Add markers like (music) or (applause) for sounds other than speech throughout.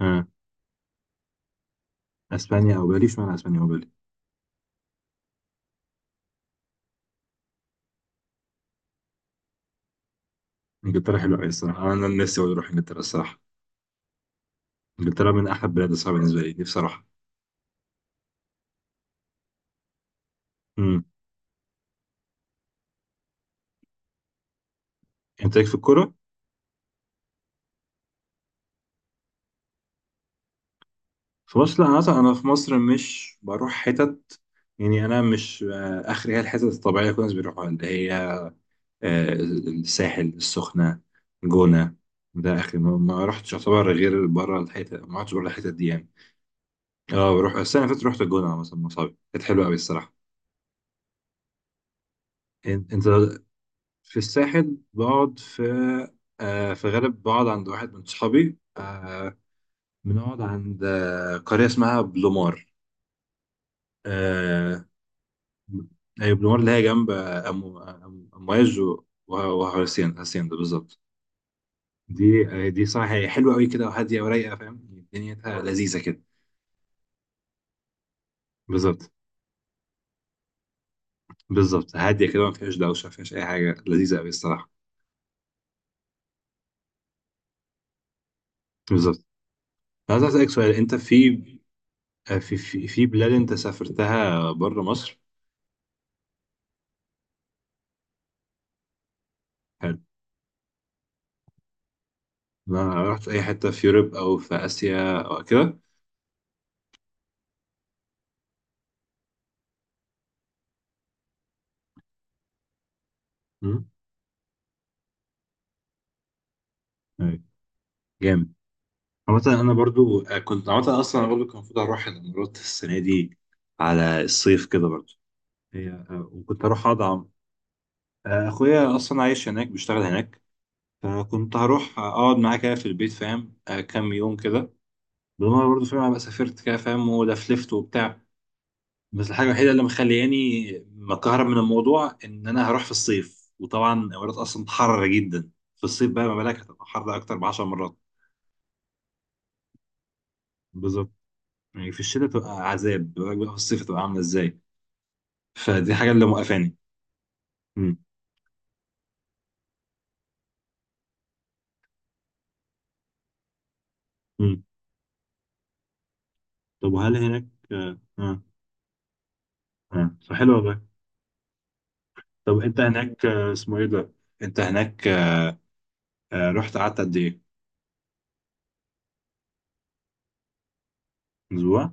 ها. اسبانيا او بالي؟ اشمعنى اسبانيا او بالي؟ انجلترا حلوه قوي الصراحه، انا نفسي أوي اروح انجلترا الصراحه. انجلترا من احلى البلاد الصراحه بالنسبه لي دي بصراحه. امم. انت ليك في الكوره؟ في مصر لا، انا أصلاً انا في مصر مش بروح حتت، يعني انا مش اخري، هي الحتت الطبيعيه اللي كل الناس بيروحوها، اللي هي الساحل، السخنه، الجونه، ده اخري ما رحتش. يعتبر غير بره الحتت ما رحتش بره الحتت دي يعني. اه، بروح السنه اللي فاتت رحت الجونه مثلا مع صحابي، كانت حلوه قوي الصراحه. انت في الساحل بقعد في في غالب بقعد عند واحد من صحابي. بنقعد عند قرية اسمها بلومار. آه. أيوة، بلومار اللي هي جنب أمواج و وهرسين، هرسين ده بالظبط. دي صراحة هي حلوة أوي كده، وهادية ورايقة، فاهم دنيتها لذيذة كده. بالظبط. بالظبط، هادية كده، ما فيهاش دوشة، ما فيهاش أي حاجة، لذيذة أوي الصراحة. بالظبط. أنا عايز أسألك سؤال، أنت في في بلاد أنت سافرتها بره مصر؟ ما رحت اي حته في يوروب او في اسيا او كده؟ مم. أيوة. جامد. عامة انا برضو كنت عامة اصلا أنا برضو كان المفروض اروح الامارات السنه دي، على الصيف كده برضو. هي وكنت اروح اقعد اخويا اصلا عايش هناك، بيشتغل هناك، فكنت هروح اقعد معاه كده في البيت، فاهم، كام يوم كده، بالمره برضو فاهم، ابقى سافرت كده فاهم، ولفلفت وبتاع. بس الحاجة الوحيدة اللي مخلياني مكهرب من الموضوع إن أنا هروح في الصيف، وطبعا الإمارات أصلا حر جدا في الصيف، بقى ما بالك، هتبقى حر أكتر بعشر مرات. بالظبط. يعني في الشتاء تبقى عذاب، ما بالك بقى في الصيف تبقى عاملة إزاي. فدي حاجة اللي موقفاني. مم. مم. طب وهل هناك، آه. آه. آه. فحلو والله. طب انت هناك اسمه ايه ده، أنت هناك، رحت قعدت قد إيه؟ اسبوع.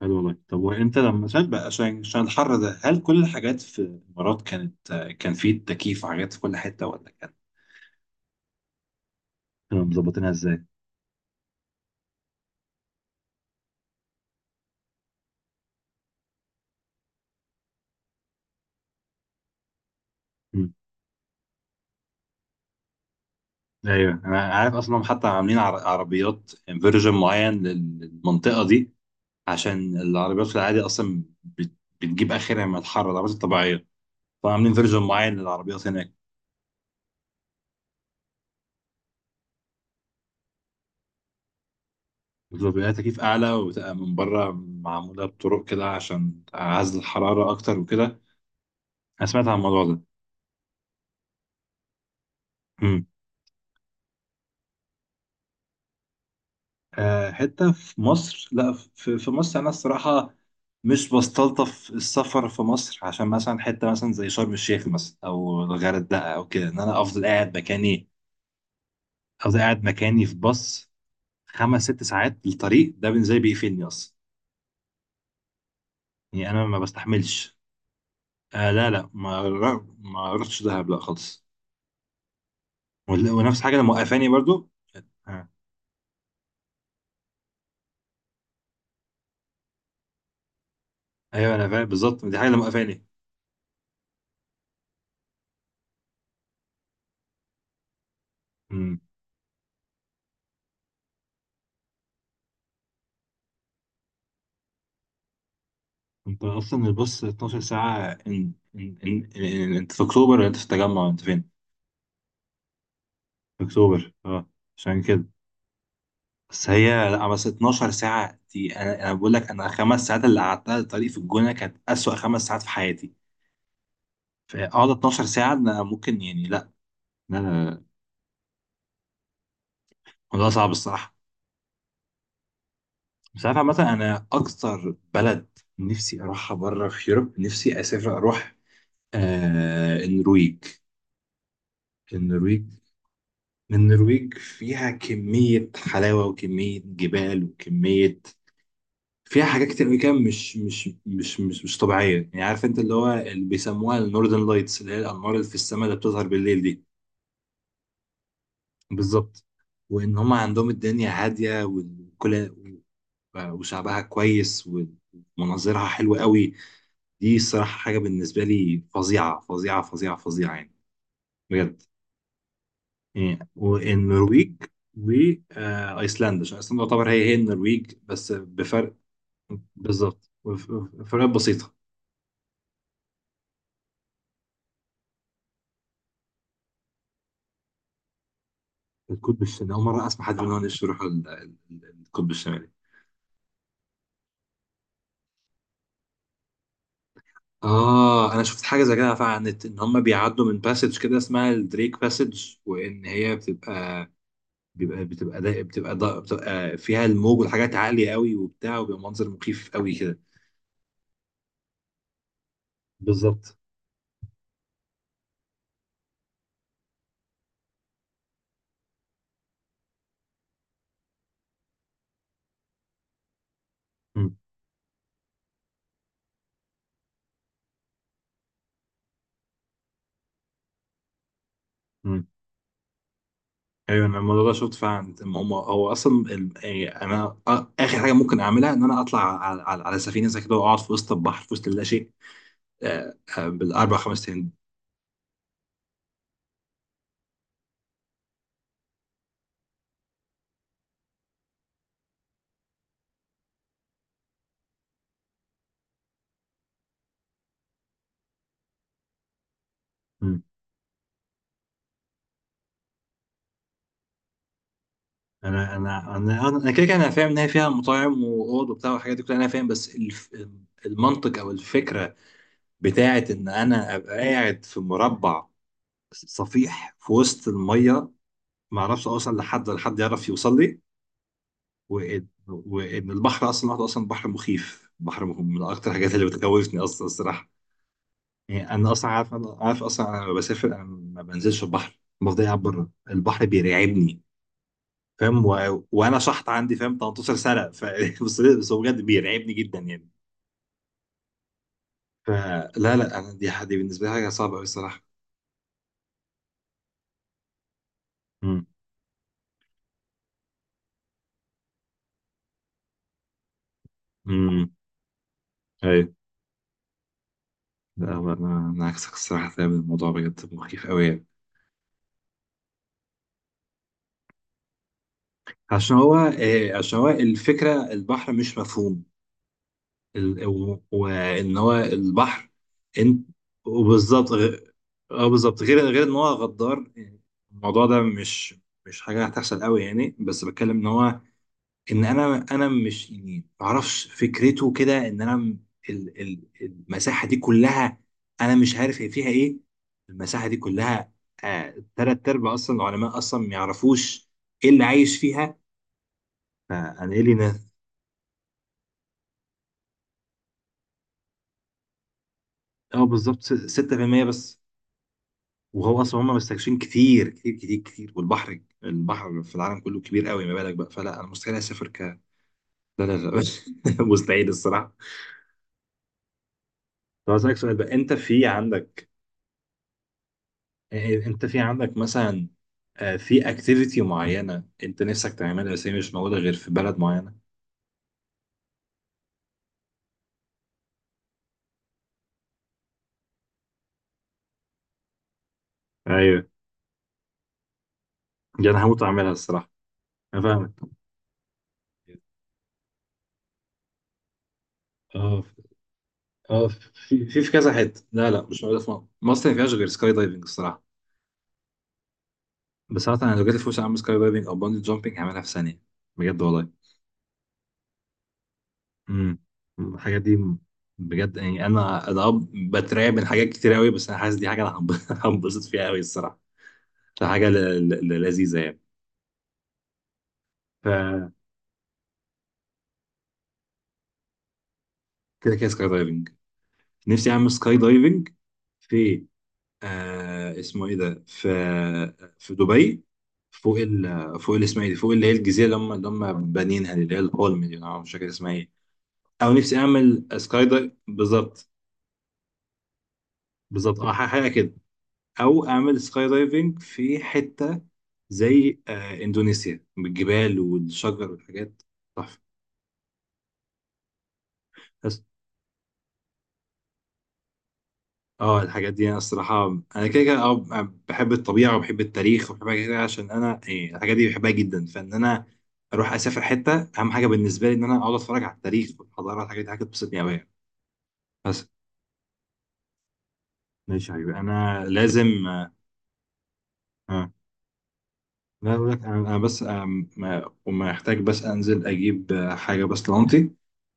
حلو والله. طب وانت لما سافرت بقى، عشان عشان الحر ده هل كل الحاجات في الامارات كانت، كان في تكييف وحاجات في كل حته، ولا كان، كانوا مظبطينها ازاي؟ مم. ايوه انا عارف اصلا، حتى عاملين عربيات فيرجن معين للمنطقه دي، عشان العربيات في العادي اصلا بتجيب اخرها من الحر، العربيات الطبيعيه، فعاملين فيرجن معين للعربيات هناك. بتبقى لها تكييف اعلى، وتبقى من بره معموله بطرق كده عشان تعزل الحراره اكتر وكده. انا سمعت عن الموضوع ده. حتة في مصر، لا، في في مصر أنا الصراحة مش بستلطف السفر في مصر، عشان مثلا حتة مثلا زي شرم الشيخ مثلا أو الغردقة أو كده، إن أنا أفضل قاعد مكاني. أفضل قاعد مكاني، في باص خمس ست ساعات، الطريق ده بالنسبة لي بيقفلني أصلا، يعني أنا ما بستحملش. آه، لا لا، ما رحتش دهب لا خالص. ونفس حاجة اللي موقفاني برضو. آه. أيوه أنا فاهم بالظبط، دي حاجة اللي موقفاني. انت اصلا الباص 12 ساعة، انت في اكتوبر ولا انت في التجمع، انت فين؟ في اكتوبر، اه، عشان كده. بس هي لا، بس 12 ساعة دي، انا بقول لك، انا الخمس ساعات اللي قعدتها الطريق في الجونة كانت اسوأ خمس ساعات في حياتي، فاقعد 12 ساعة، انا ممكن يعني، لا. لا لا. الموضوع صعب الصراحة. بس عارف مثلا، انا اكتر بلد نفسي اروحها بره في يوروب، نفسي اسافر اروح النرويج. النرويج. النرويج فيها كمية حلاوة وكمية جبال وكمية، فيها حاجات كتير أوي كده، مش طبيعية يعني. عارف أنت اللي هو اللي بيسموها النوردن لايتس، اللي هي الأنوار اللي في السماء اللي بتظهر بالليل دي. بالظبط. وإن هم عندهم الدنيا هادية، والكل، وشعبها كويس، ومناظرها حلوة أوي. دي الصراحة حاجة بالنسبة لي فظيعة فظيعة فظيعة فظيعة يعني، بجد. يعني والنرويج وايسلندا، عشان ايسلندا تعتبر هي هي النرويج بس بفرق. بالظبط. فرقات بسيطه. القطب الشمالي، اول مره اسمع حد بيقول ان هو نفسه يروح القطب الشمالي. اه انا شفت حاجه زي كده فعلا على النت، ان هم بيعدوا من باسج كده اسمها الدريك باسج، وان هي بتبقى، بيبقى بتبقى ده بتبقى ده بتبقى فيها الموج والحاجات عاليه قوي وبتاع، وبيبقى منظر مخيف قوي كده. بالظبط. مم. ايوه انا الموضوع ده شفت فعلا، يعني اخر حاجه ممكن اعملها ان انا اطلع على، على، على سفينه زي كده، واقعد في وسط البحر في وسط اللا شيء، بالاربع خمس ايام. مم. انا كده كده انا فاهم ان هي فيها مطاعم واوض وبتاع والحاجات دي كلها، انا فاهم، بس الف، المنطق او الفكره بتاعت ان انا ابقى قاعد في مربع صفيح في وسط الميه، ما اعرفش اوصل لحد ولا حد يعرف يوصل لي، وان وان البحر اصلا لوحده اصلا بحر مخيف، بحر من اكتر الحاجات اللي بتخوفني اصلا الصراحه. يعني انا اصلا عارف، انا عارف اصلا، انا لما بسافر انا ما بنزلش البحر، بفضل قاعد بره، البحر بيرعبني فاهم، و... وانا شحط عندي فاهم، 13 سنه ف... (laughs) بس بس هو بجد بيرعبني جدا يعني. فلا لا، انا دي دي بالنسبه لي حاجه صعبه قوي الصراحه. امم. امم. ايوه. لا هو انا، انا عكسك الصراحه فاهم، الموضوع بجد مخيف قوي يعني. عشان هو عشان هو الفكره البحر مش مفهوم، وان هو البحر، انت، وبالظبط غ- اه بالظبط، غير غير ان هو غدار يعني، الموضوع ده مش، مش حاجه هتحصل قوي يعني، بس بتكلم ان هو، ان انا مش يعني، ما اعرفش، فكرته كده، ان انا المساحه دي كلها، انا مش عارف هي فيها ايه، المساحه دي كلها، آه تلات ارباع اصلا العلماء اصلا ما يعرفوش ايه اللي عايش فيها، فانا ايه لي ناس. اه بالظبط 6% بس. وهو اصلا هم مستكشفين كتير كتير كتير كتير، والبحر، البحر في العالم كله كبير قوي، ما بالك بقى، فلا انا مستحيل اسافر، ك لا. لا لا. (laughs) مستحيل الصراحه. طب اسالك سؤال بقى، انت في عندك، انت في عندك مثلا، في اكتيفيتي معينه انت نفسك تعملها بس هي مش موجوده غير في بلد معينه؟ ايوه، دي انا هموت اعملها الصراحه، انا فاهمك. اه اه، في كذا حته، لا لا، مش موجوده في مصر، مصر ما فيهاش غير سكاي دايفنج الصراحه. بس انا لو جات لي فرصه اعمل سكاي دايفنج او باندي جامبنج، هعملها في ثانيه، بجد والله. امم. الحاجات دي بجد، يعني انا، انا اه، بترعب من حاجات كتير قوي، بس انا حاسس دي حاجه انا (laughs) هنبسط فيها قوي الصراحه. ده حاجه لذيذه يعني. ف كده كده سكاي دايفنج، نفسي اعمل سكاي دايفنج في اسمه ايه ده، في في دبي، فوق ال فوق اسمها ايه دي، فوق اللي هي الجزيره اللي هم اللي هم بانيينها دي، اللي هي البولم دي، انا مش فاكر اسمها ايه، او نفسي اعمل سكاي دايفنج بالظبط. بالظبط اه حاجه كده. او اعمل سكاي دايفنج في حته زي اندونيسيا، بالجبال والشجر والحاجات، تحفه. بس اه، الحاجات دي انا الصراحه، انا كده كده اه بحب الطبيعه وبحب التاريخ وبحب حاجات كده، عشان انا إيه، الحاجات دي بحبها جدا، فان انا اروح اسافر حته، اهم حاجه بالنسبه لي ان انا اقعد اتفرج على التاريخ والحضاره والحاجات دي، حاجه بتبسطني قوي يعني. بس. ماشي يا حبيبي، انا لازم آه. لا اقول لك انا، أنا بس ما وما احتاج بس انزل اجيب حاجه بس لانتي،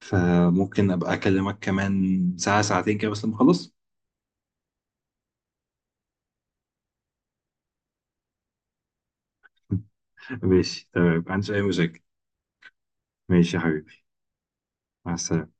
فممكن ابقى اكلمك كمان ساعه ساعتين كده بس لما اخلص. ماشي تمام، ما عنديش أي مشاكل. ماشي يا حبيبي، مع السلامة.